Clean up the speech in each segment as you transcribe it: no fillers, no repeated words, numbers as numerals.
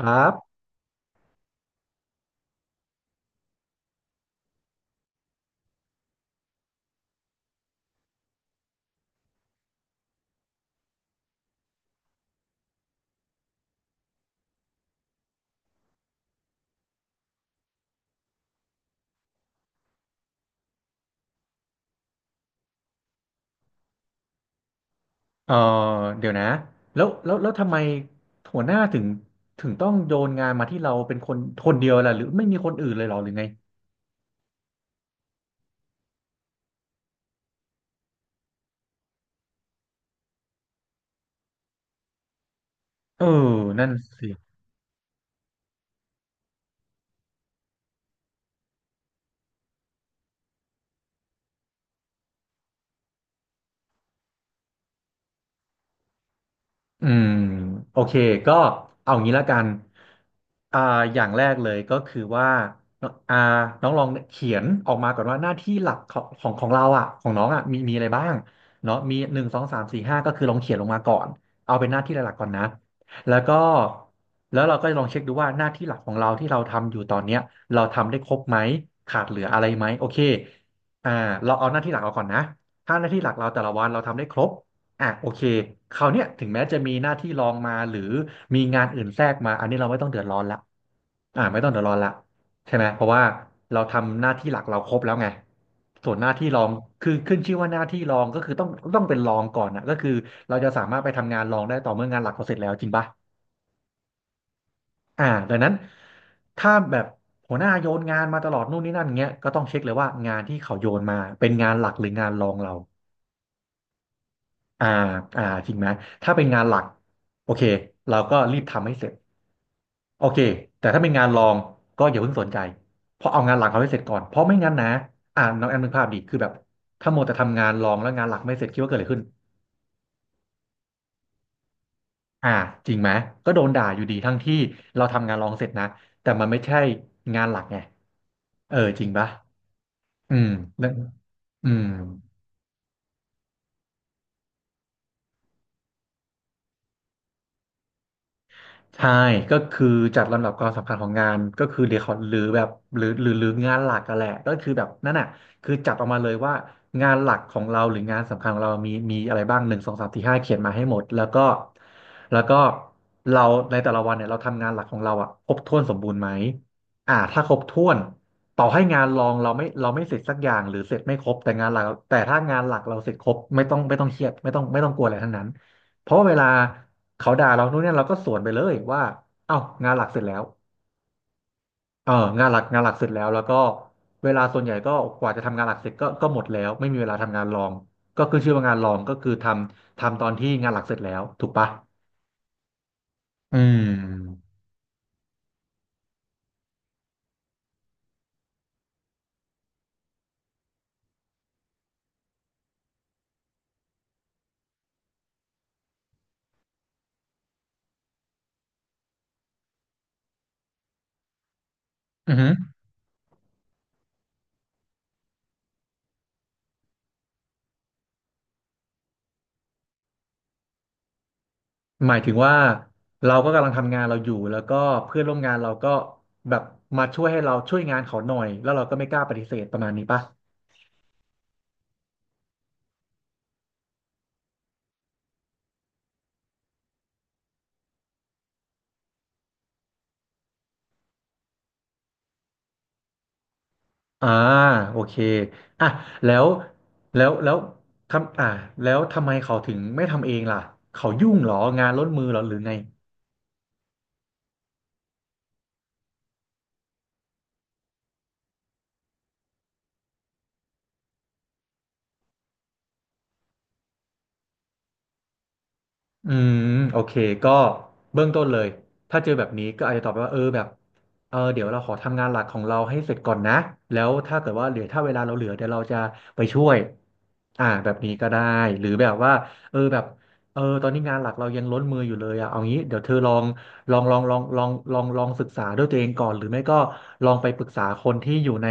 ครับเออเดี๋ยวนะ แล้วทำไมหัวหน้าถึงต้องโยนงานมาที่เราเป็นคนคนเดียวล่ะหรือไม่มีคนอื่นเลยเหรอหรือไงเออนั่นสิอืม โอเค ก็เอางี้ละกัน อ่าอย่างแรกเลยก็คือว่าน้องอ่าน้องลองเขียนออกมาก่อนว่าหน้าที่หลักของเราอ่ะของน้องอ่ะมีอะไรบ้างเนาะมีหนึ่งสองสามสี่ห้าก็คือลองเขียนลงมาก่อนเอาเป็นหน้าที่หลักๆก่อนนะแล้วก็แล้วเราก็ลองเช็คดูว่าหน้าที่หลักของเราที่เราทำอยู่ตอนเนี้ยเราทำได้ครบไหมขาดเหลืออะไรไหมโอเคอ่าเราเอาหน้าที่หลักเราก่อนนะถ้าหน้าที่หลักเราแต่ละวันเราทำได้ครบ อ่ะโอเคคราวเนี้ยถึงแม้จะมีหน้าที่รองมาหรือมีงานอื่นแทรกมาอันนี้เราไม่ต้องเดือดร้อนละไม่ต้องเดือดร้อนละใช่ไหมเพราะว่าเราทำหน้าที่หลักเราครบแล้วไงส่วนหน้าที่รองคือขึ้นชื่อว่าหน้าที่รองก็คือต้องเป็นรองก่อนนะก็คือเราจะสามารถไปทำงานรองได้ต่อเมื่องานหลักเราเสร็จแล้วจริงปะอ่าดังนั้นถ้าแบบหัวหน้าโยนงานมาตลอดนู่นนี่นั่นเงี้ยก็ต้องเช็คเลยว่างานที่เขาโยนมาเป็นงานหลักหรืองานรองเรา อ่าจริงไหมถ้าเป็นงานหลักโอเคเราก็รีบทำให้เสร็จโอเคแต่ถ้าเป็นงานรองก็อย่าเพิ่งสนใจเพราะเอางานหลักเขาให้เสร็จก่อนเพราะไม่งั้นนะน้องแอมนึกภาพดิคือแบบถ้าโมวแต่ทำงานรองแล้วงานหลักไม่เสร็จคิดว่าเกิดอะไรขึ้นอ่าจริงไหมก็โดนด่าอยู่ดีทั้งที่เราทำงานรองเสร็จนะแต่มันไม่ใช่งานหลักไงเออจริงปะอืมแล้วอืม ใช่ก็คือจัดลำดับความสำคัญของงานก็คือเรียกเขาหรือแบบหรืองานหลักกันแหละก็คือแบบนั่นน่ะคือจัดออกมาเลยว่างานหลักของเราหรืองานสำคัญของเรามีอะไรบ้างหนึ่งสองสามสี่ห้าเขียนมาให้หมดแล้วก็แล้วก็เราในแต่ละวันเนี่ยเราทำงานหลักของเราอ่ะครบถ้วนสมบูรณ์ไหมถ้าครบถ้วนต่อให้งานรองเราไม่เสร็จสักอย่างหรือเสร็จไม่ครบแต่งานหลักแต่ถ้างานหลักเราเสร็จครบไม่ต้องเครียดไม่ต้องกลัวอะไรทั้งนั้น เพราะเวลาเขาด่าเรานู่นเนี่ยเราก็สวนไปเลยว่าเอ้างานหลักเสร็จแล้วเอองานหลักเสร็จแล้วแล้วก็เวลาส่วนใหญ่ก็กว่าจะทำงานหลักเสร็จก็หมดแล้วไม่มีเวลาทำงานรองก็คือชื่อว่างานรองก็คือทำตอนที่งานหลักเสร็จแล้วถูกปะอืมอือหือหมายถึงว่าเราก็กำลังทำงานเราอยู่แล้วก็เพื่อนร่วมงานเราก็แบบมาช่วยให้เราช่วยงานเขาหน่อยแล้วเราก็ไม่กล้าปฏิเสธประมาณนี้ปะ อ่าโอเคอ่ะแล้วแล้วแล้วทำอ่าแล้วทำไมเขาถึงไม่ทำเองล่ะเขายุ่งเหรองานล้นมือเหรอหรือไง อืมโอเคก็เบื้องต้นเลยถ้าเจอแบบนี้ก็อาจจะตอบไปว่าเออแบบเออเดี๋ยวเราขอทำงานหลักของเราให้เสร็จก่อนนะแล้วถ้าเกิดว่าเหลือถ้าเวลาเราเหลือเดี๋ยวเราจะไปช่วยแบบนี้ก็ได้หรือแบบว่าเออแบบเออตอนนี้งานหลักเรายังล้นมืออยู่เลยอะเอางี้เดี๋ยวเธอลองลองลองลองลองลองลองศึกษาด้วยตัวเองก่อนหรือไม่ก็ลองไปปรึกษาคนที่อยู่ใน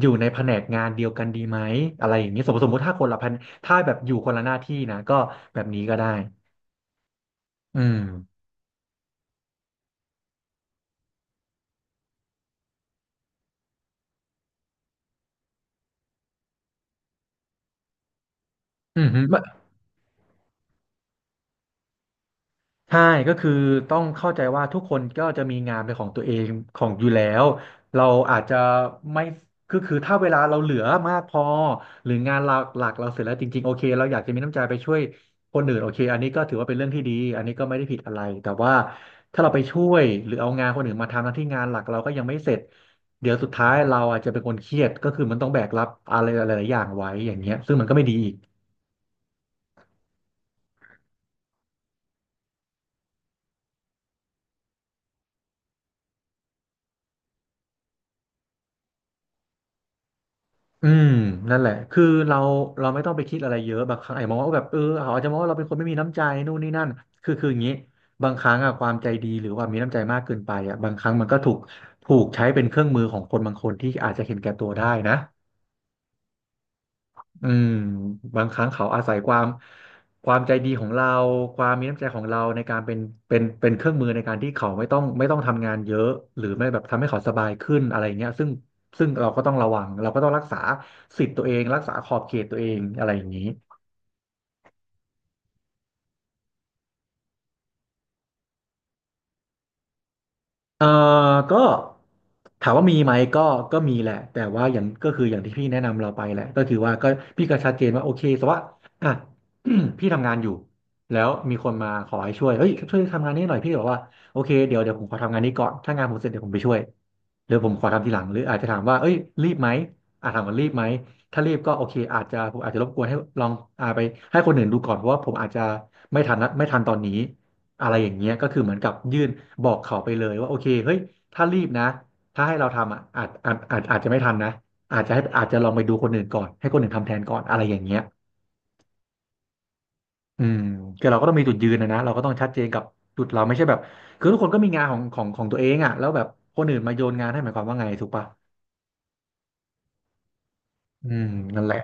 อยู่ในแผนกงานเดียวกันดีไหมอะไรอย่างนี้สมมติถ้าแบบอยู่คนละหน้าที่นะก็แบบนี้ก็ได้ อืมอืมไม่ใช่ก็คือต้องเข้าใจว่าทุกคนก็จะมีงานเป็นของตัวเองของอยู่แล้วเราอาจจะไม่คือถ้าเวลาเราเหลือมากพอหรืองานหลักเราเสร็จแล้วจริงๆโอเคเราอยากจะมีน้ำใจไปช่วยคนอื่นโอเคอันนี้ก็ถือว่าเป็นเรื่องที่ดีอันนี้ก็ไม่ได้ผิดอะไรแต่ว่าถ้าเราไปช่วยหรือเอางานคนอื่นมาทำหน้าที่งานหลักเราก็ยังไม่เสร็จเดี๋ยวสุดท้ายเราอาจจะเป็นคนเครียดก็คือมันต้องแบกรับอะไรหลายๆอย่างไว้อย่างเงี้ยซึ่งมันก็ไม่ดีอีก อืมนั่นแหละคือเราเราไม่ต้องไปคิดอะไรเยอะบางครั้งไอาจจะมองว่าแบบเออเขาอาจจะมองว่าเราเป็นคนไม่มีน้ำใจนู่นนี่นั่นคืออย่างนี้บางครั้งอะความใจดีหรือว่ามีน้ำใจมากเกินไปอะบางครั้งมันก็ถูกใช้เป็นเครื่องมือของคนบางคนที่อาจจะเห็นแก่ตัวได้นะ อืมบางครั้งเขาอาศัยความใจดีของเราความมีน้ำใจของเราในการเป็นเป็นเครื่องมือในการที่เขาไม่ต้องทำงานเยอะหรือไม่แบบทำให้เขาสบายขึ้นอะไรเงี้ยซึ่งเราก็ต้องระวังเราก็ต้องรักษาสิทธิ์ตัวเองรักษาขอบเขตตัวเองอะไรอย่างนี้ เอ่อก็ถามว่ามีไหมก็ก็มีแหละแต่ว่าอย่างก็คืออย่างที่พี่แนะนำเราไปแหละก็คือว่าก็พี่ก็ชัดเจนว่าโอเคแต่ว่าอ่ะ พี่ทำงานอยู่แล้วมีคนมาขอให้ช่วยเฮ้ยช่วยทำงานนี้หน่อยพี่บอกว่าโอเคเดี๋ยวผมขอทำงานนี้ก่อนถ้างานผมเสร็จเดี๋ยวผมไปช่วยหรือผมขอทำทีหลังหรืออาจจะถามว่าเอ้ยรีบไหมอ่ะถามว่ารีบไหมถ้ารีบก็โอเคอาจจะผมอาจจะรบกวนให้ลองไปให้คนอื่นดูก่อนเพราะว่าผมอาจจะไม่ทันนะไม่ทันตอนนี้ อะไรอย่างเงี้ยก็คือเหมือนกับยื่นบอกเขาไปเลยว่าโอเคเฮ้ยถ้ารีบนะถ้าให้เราทำอ่ะอาจจะไม่ทันนะอาจจะให้อาจจะลองไปดูคนอื่นก่อนให้คนอื่นทำแทนก่อนอะไรอย่างเงี้ยอืมคือเราก็ต้องมีจุดยืนนะเราก็ต้องชัดเจนกับจุดเราไม่ใช่แบบคือทุกคนก็มีงานของตัวเองอ่ะแล้วแบบคนอื่นมาโยนงานให้หมายความว่าไงถูกปะอืมนั่นแหละ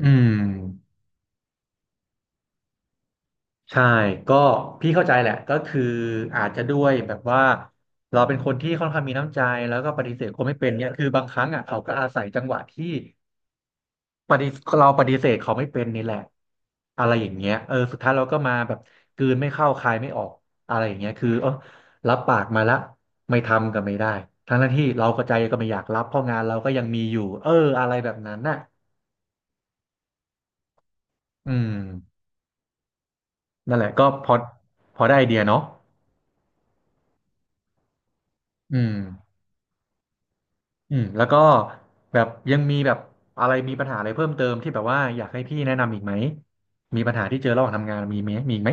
อืม ใช่ก็พี่เข้าใจแหละ ก็คืออาจจะด้วยแบบว่าเราเป็นคนที่ค่อนข้างมีน้ำใจแล้วก็ปฏิเสธคนไม่เป็นเนี่ยคือบางครั้งอ่ะเขาก็อาศัยจังหวะที่ปฏิเราปฏิเสธเขาไม่เป็นนี่แหละอะไรอย่างเงี้ยเออสุดท้ายเราก็มาแบบกลืนไม่เข้าคายไม่ออกอะไรอย่างเงี้ยคือเออรับปากมาละไม่ทำก็ไม่ได้ทั้งที่เราก็ใจก็ไม่อยากรับเพราะงานเราก็ยังมีอยู่เอออะไรแบบนั้นน่ะอืมนั่นแหละก็พอพอได้ไอเดียเนาะอืม อืมแล้วก็แบบยังมีแบบอะไรมีปัญหาอะไรเพิ่มเติมที่แบบว่าอยากให้พี่แนะนำอีกไหมมีปัญหาที่เจอระหว่างทำงานมีไหมมีอีกไหม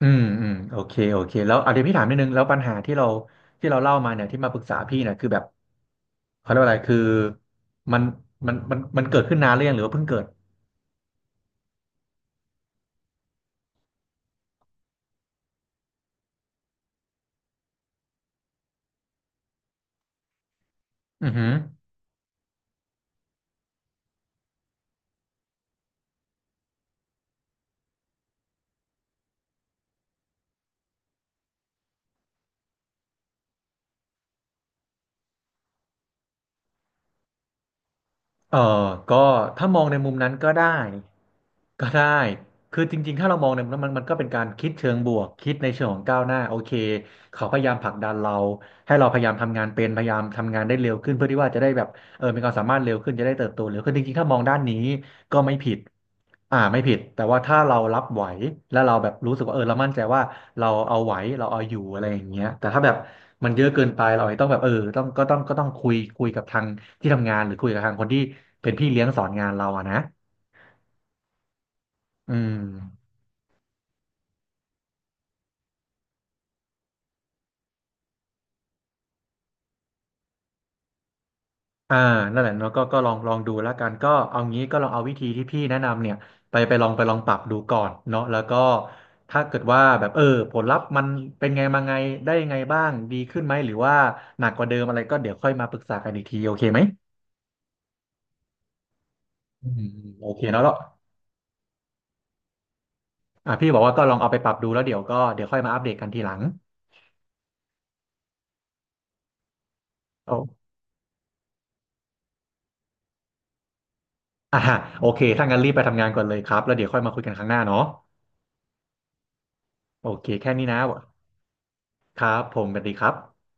อืมอืมโอเคโอเคแล้วเอาเดี๋ยวพี่ถามนิดนึงแล้วปัญหาที่เราเล่ามาเนี่ยที่มาปรึกษาพี่เนี่ยคือแบบเขาเรียกว่าอะไรคือมันมันเกิดขึ้นนานหรือยังหรือว่าเพิ่งเกิดอือหือ เออก็ถ้ามองในมุมนั้นก็ได้ก็ได้คือจริงๆถ้าเรามองในมุมนั้นมันก็เป็นการคิดเชิงบวกคิดในเชิงของก้าวหน้าโอเคเขาพยายามผลักดันเราให้เราพยายามทำงานเป็นพยายามทำงานได้เร็วขึ้นเพื่อที่ว่าจะได้แบบ เออมีความสามารถเร็วขึ้นจะได้เติบโตเร็วขึ้นจริงๆถ้ามองด้านนี้ก็ไม่ผิดอ่าไม่ผิดแต่ว่าถ้าเรารับไหวแล้วเราแบบรู้สึกว่าเออเรามั่นใจว่าเราเอาไหวเราเอาอยู่อะไรอย่างเงี้ยแต่ถ้าแบบมันเยอะเกินไปเราอาจจะต้องแบบเออต้องก็ต้องคุยคุยกับทางที่ทำงานหรือคุยกับทางคนที่เป็นพี่เลี้ยงสอนงานเราอะนะอืม อ่านั่นแหละเนาะก็ก็ลองลองดูแล้วกันก็เอางี้ก็ลองเอาวิธีที่พี่แนะนำเนี่ยไปลองปรับดูก่อนเนาะแล้วก็ถ้าเกิดว่าแบบเออผลลัพธ์มันเป็นไงมาไงได้ยังไงบ้างดีขึ้นไหมหรือว่าหนักกว่าเดิมอะไรก็เดี๋ยวค่อยมาปรึกษากันอีกทีโอเคไหมอืมอโอเคเนาะแล้วอ่ะพี่บอกว่าก็ลองเอาไปปรับดูแล้วเดี๋ยวค่อยมาอัปเดตกันทีหลังโอ้อ่าโอเคถ้างั้นรีบไปทำงานก่อนเลยครับแล้วเดี๋ยวค่อยมาคุยกันครั้งหน้าเนาะโอเคแค่นี้นะครับผมสวัสดีครับ